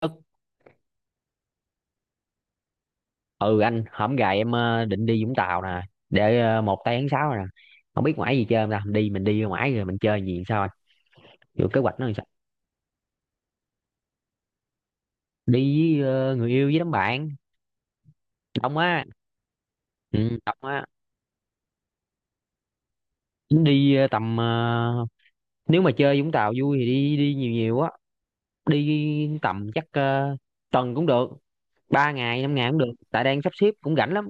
Ất, ừ anh hổm gài em, định đi Vũng Tàu nè, để một tay tháng 6 rồi nè. Không biết ngoại gì chơi không ta, đi mình đi ngoại rồi mình chơi gì sao anh? Vô kế hoạch nó làm sao? Đi với người yêu với đám bạn. Đông á. Ừ, đông á. Đi tầm, nếu mà chơi Vũng Tàu vui thì đi đi nhiều nhiều á. Đi tầm chắc tuần cũng được, 3 ngày 5 ngày cũng được tại đang sắp xếp cũng rảnh lắm.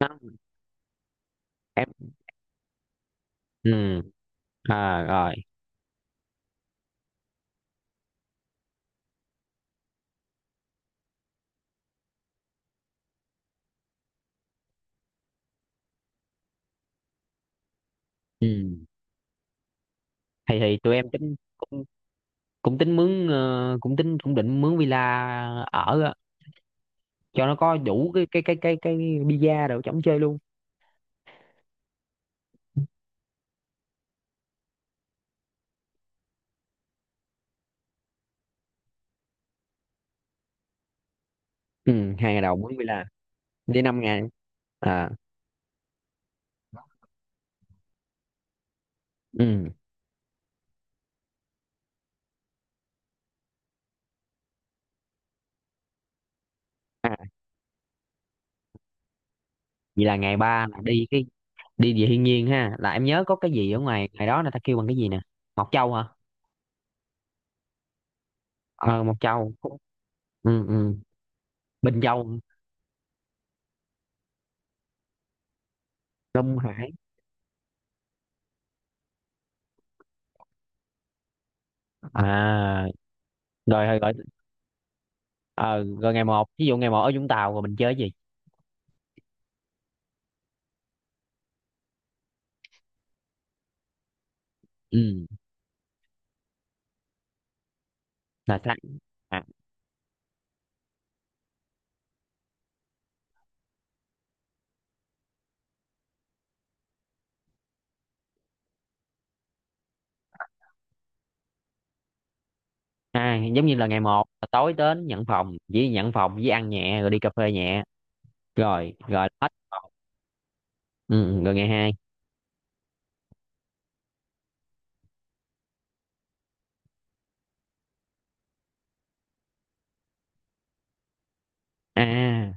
Đó, em. Ừ. À, rồi. Ừ. thì tụi em tính, cũng tính mướn, cũng tính cũng định mướn villa ở á, cho nó có đủ cái visa đồ chống chơi luôn. Ừ, 2 ngày đầu mướn villa, đi 5 ngày. À. Ừ. À, vậy là ngày 3 là đi cái đi về thiên nhiên ha, là em nhớ có cái gì ở ngoài ngày đó là ta kêu bằng cái gì nè? Mộc Châu hả? Ờ, Mộc Châu. Ừ, ừ. Bình Châu. Long Hải. À, rồi rồi rồi. Ờ, Rồi ngày 1, ví dụ ngày 1 ở Vũng Tàu rồi mình chơi cái gì? Ừ, là sao? À. À, giống như là ngày 1 là tối đến nhận phòng, chỉ nhận phòng với ăn nhẹ rồi đi cà phê nhẹ rồi rồi hết. Ừ, ừ, rồi ngày 2. À,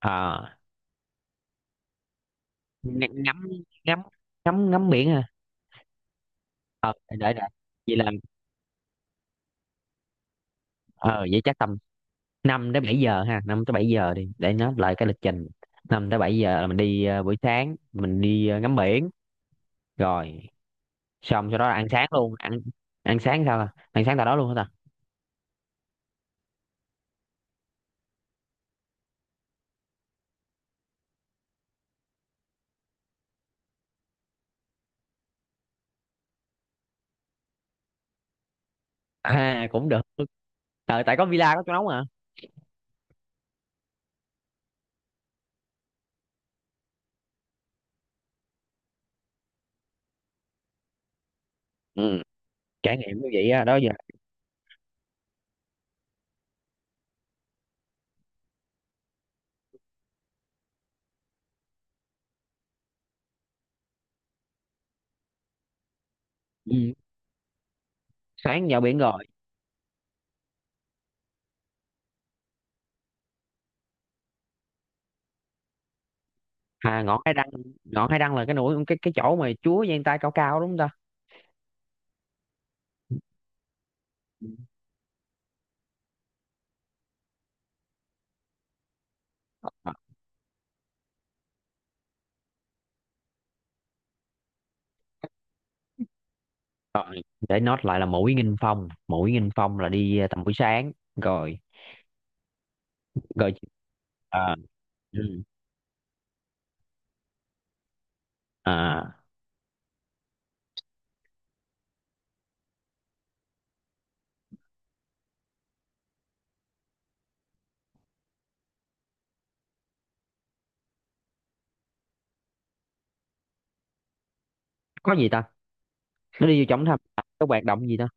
ờ, ng- ngắm ngắm ngắm ngắm biển ha. Ờ, để vậy là. Ờ, vậy chắc tầm 5 tới 7 giờ ha, 5 tới 7 giờ đi để nó lại cái lịch trình. 5 tới 7 giờ là mình đi, buổi sáng mình đi ngắm biển rồi. Xong sau đó là ăn sáng luôn, ăn, ăn sáng sao ta? Ăn sáng tại đó luôn hả ta? À, cũng được. Ờ, tại có villa có chỗ nóng à. Ừ, trải nghiệm như vậy á đó. Ừ. Sáng dạo biển rồi. À, ngọn Hải Đăng. Ngọn Hải Đăng là cái núi, cái chỗ mà Chúa giang tay cao cao đúng không ta? Ừ. Ờ, để nốt lại là mũi Nghinh Phong. Mũi Nghinh Phong là đi tầm buổi sáng. Rồi rồi. À. Ừ. À, có gì ta? Nó đi vô trong thăm có hoạt động gì ta?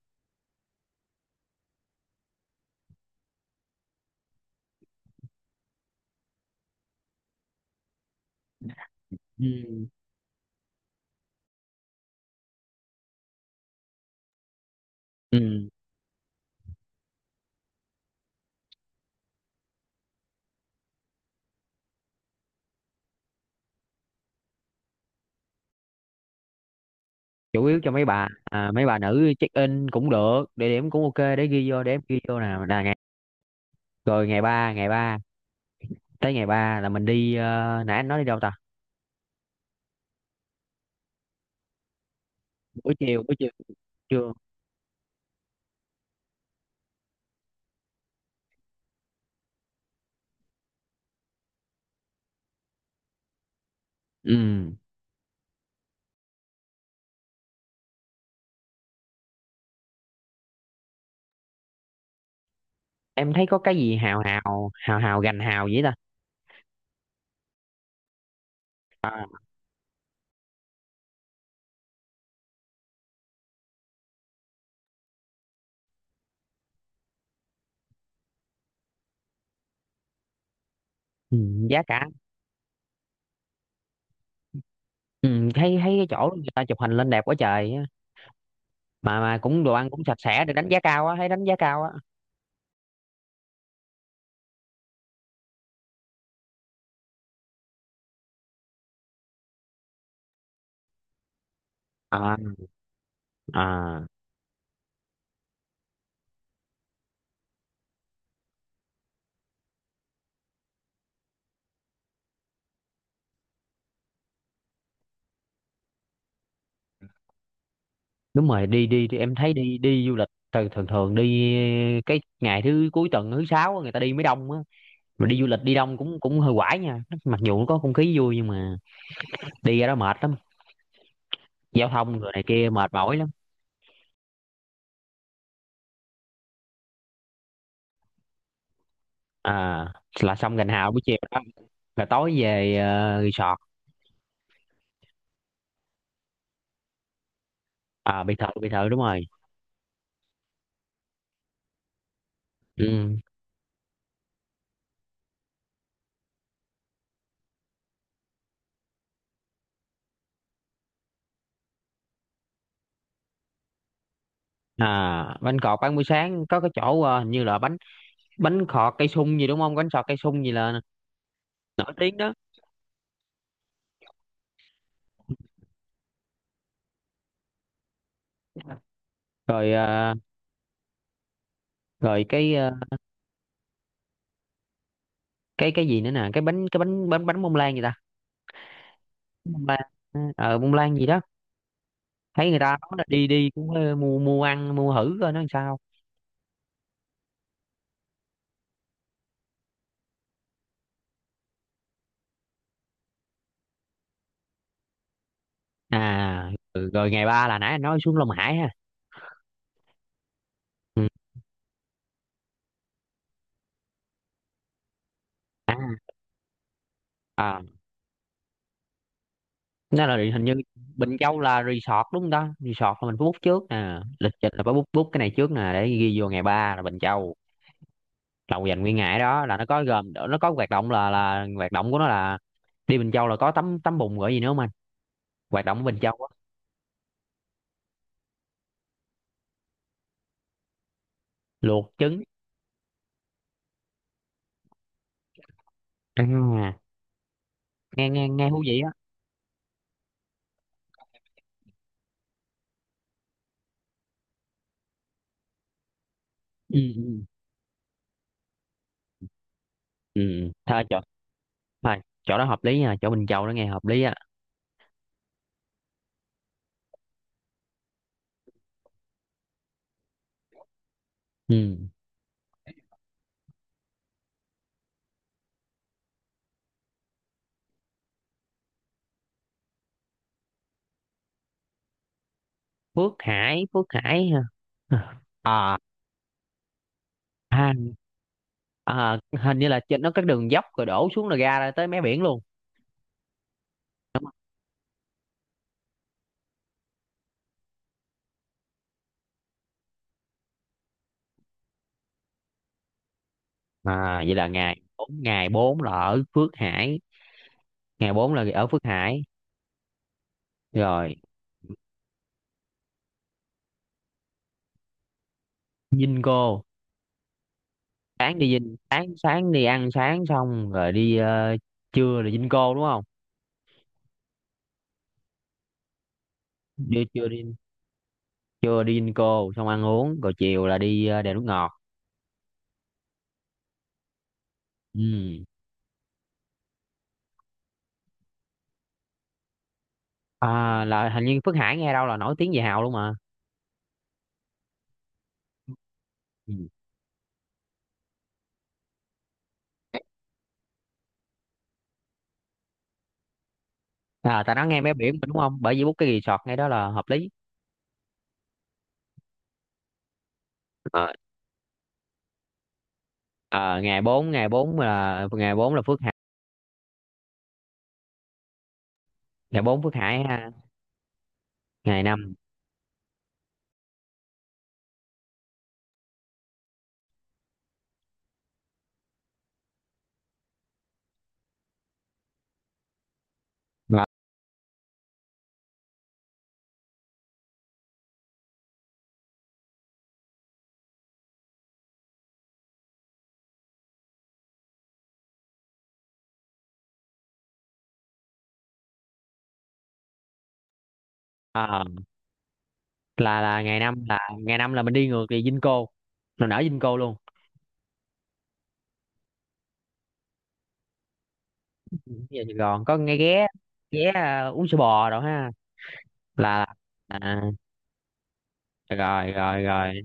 Ừ. Ừ. Chủ yếu cho mấy bà, à, mấy bà nữ check in cũng được, địa điểm cũng OK. Để ghi vô, để em ghi vô nào là ngày. Rồi ngày 3 ngày 3, tới ngày 3 là mình đi, nãy anh nói đi đâu ta? Buổi chiều, buổi chiều. Chưa. Ừ, em thấy có cái gì hào hào hào hào gành hào vậy ta? Ừ, giá cả. Ừ, thấy thấy cái chỗ người ta chụp hình lên đẹp quá trời á. Mà cũng đồ ăn cũng sạch sẽ, được đánh giá cao á, thấy đánh giá cao á. À, à, đúng rồi. Đi đi đi, em thấy đi đi du lịch thường thường thường đi cái ngày thứ cuối tuần, thứ sáu á, người ta đi mới đông á. Mà đi du lịch đi đông cũng cũng hơi quải nha, mặc dù có không khí vui nhưng mà đi ra đó mệt lắm. Giao thông rồi này kia mệt mỏi lắm. À, là xong gành hào buổi chiều đó, là tối về. Resort. À, biệt thự, biệt thự đúng rồi. Ừ. À, bánh cọt bán buổi sáng có cái chỗ, hình như là bánh, bánh khọt cây sung gì đúng không? Bánh khọt cây sung gì là nổi tiếng đó. Rồi rồi cái, cái gì nữa nè, cái bánh, cái bánh bánh bánh bông lan gì ta? Bông lan. Bông lan gì đó, thấy người ta nói là đi đi cũng mua, mua ăn, mua thử coi nó làm sao. À. Ừ, rồi ngày ba là nãy anh nói xuống Long Hải ha. Ừ. À, nó là hình như Bình Châu là resort đúng không ta? Resort là mình phải book trước nè, lịch trình là phải book book cái này trước nè, để ghi vô ngày 3 là Bình Châu, là dành nguyên ngày đó. Là nó có gồm, nó có hoạt động là hoạt động của nó là đi Bình Châu là có tắm, tắm bùn, gọi gì nữa không anh, hoạt động ở Bình Châu á? Luộc trứng. À, nghe nghe nghe thú vị á. Ừ ừ. Ừ, thôi chỗ, thôi chỗ đó hợp lý nha, chỗ Bình Châu đó nghe hợp lý á. Ừ. Phước Hải, Phước Hải ha. À ha. À, hình như là trên nó các đường dốc rồi đổ xuống là ra ra tới mé biển luôn. À, vậy là ngày 4, ngày bốn là ở Phước Hải. Ngày 4 là ở Phước Hải rồi. Dinh Cô. Sáng đi Dinh, sáng sáng đi ăn sáng xong rồi đi, trưa là Dinh Cô đúng không? Đi trưa đi, trưa đi Dinh Cô xong ăn uống rồi chiều là đi, đèo nước ngọt. Ừ. À, là hình như Phước Hải nghe đâu là nổi tiếng về hào luôn mà. Ừ. À, ta nói nghe mé biển mà đúng không, bởi vì bút cái resort ngay đó là hợp lý. Ờ, ngày 4, ngày 4 là, ngày 4 là Phước Hải. Ngày 4 Phước Hải ha. Ngày 5 là, ờ, là ngày 5 là, ngày 5 là mình đi ngược về Vinco, mình ở Vinco luôn. Về Sài Gòn có nghe ghé, ghé uống sữa bò rồi ha. Là. À, rồi rồi rồi.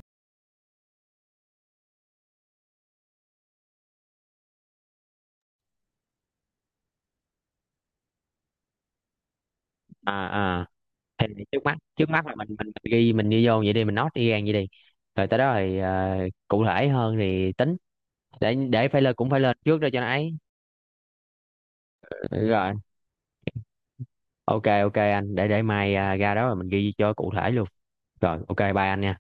À, à. Thì trước mắt, trước mắt là mình ghi mình đi vô vậy đi, mình note đi gan vậy đi. Rồi tới đó thì cụ thể hơn thì tính. Để phải lên, cũng phải lên trước đó cho nó ấy. Rồi OK. OK anh, để mai, à, ra đó rồi mình ghi cho cụ thể luôn. Rồi OK, bye anh nha.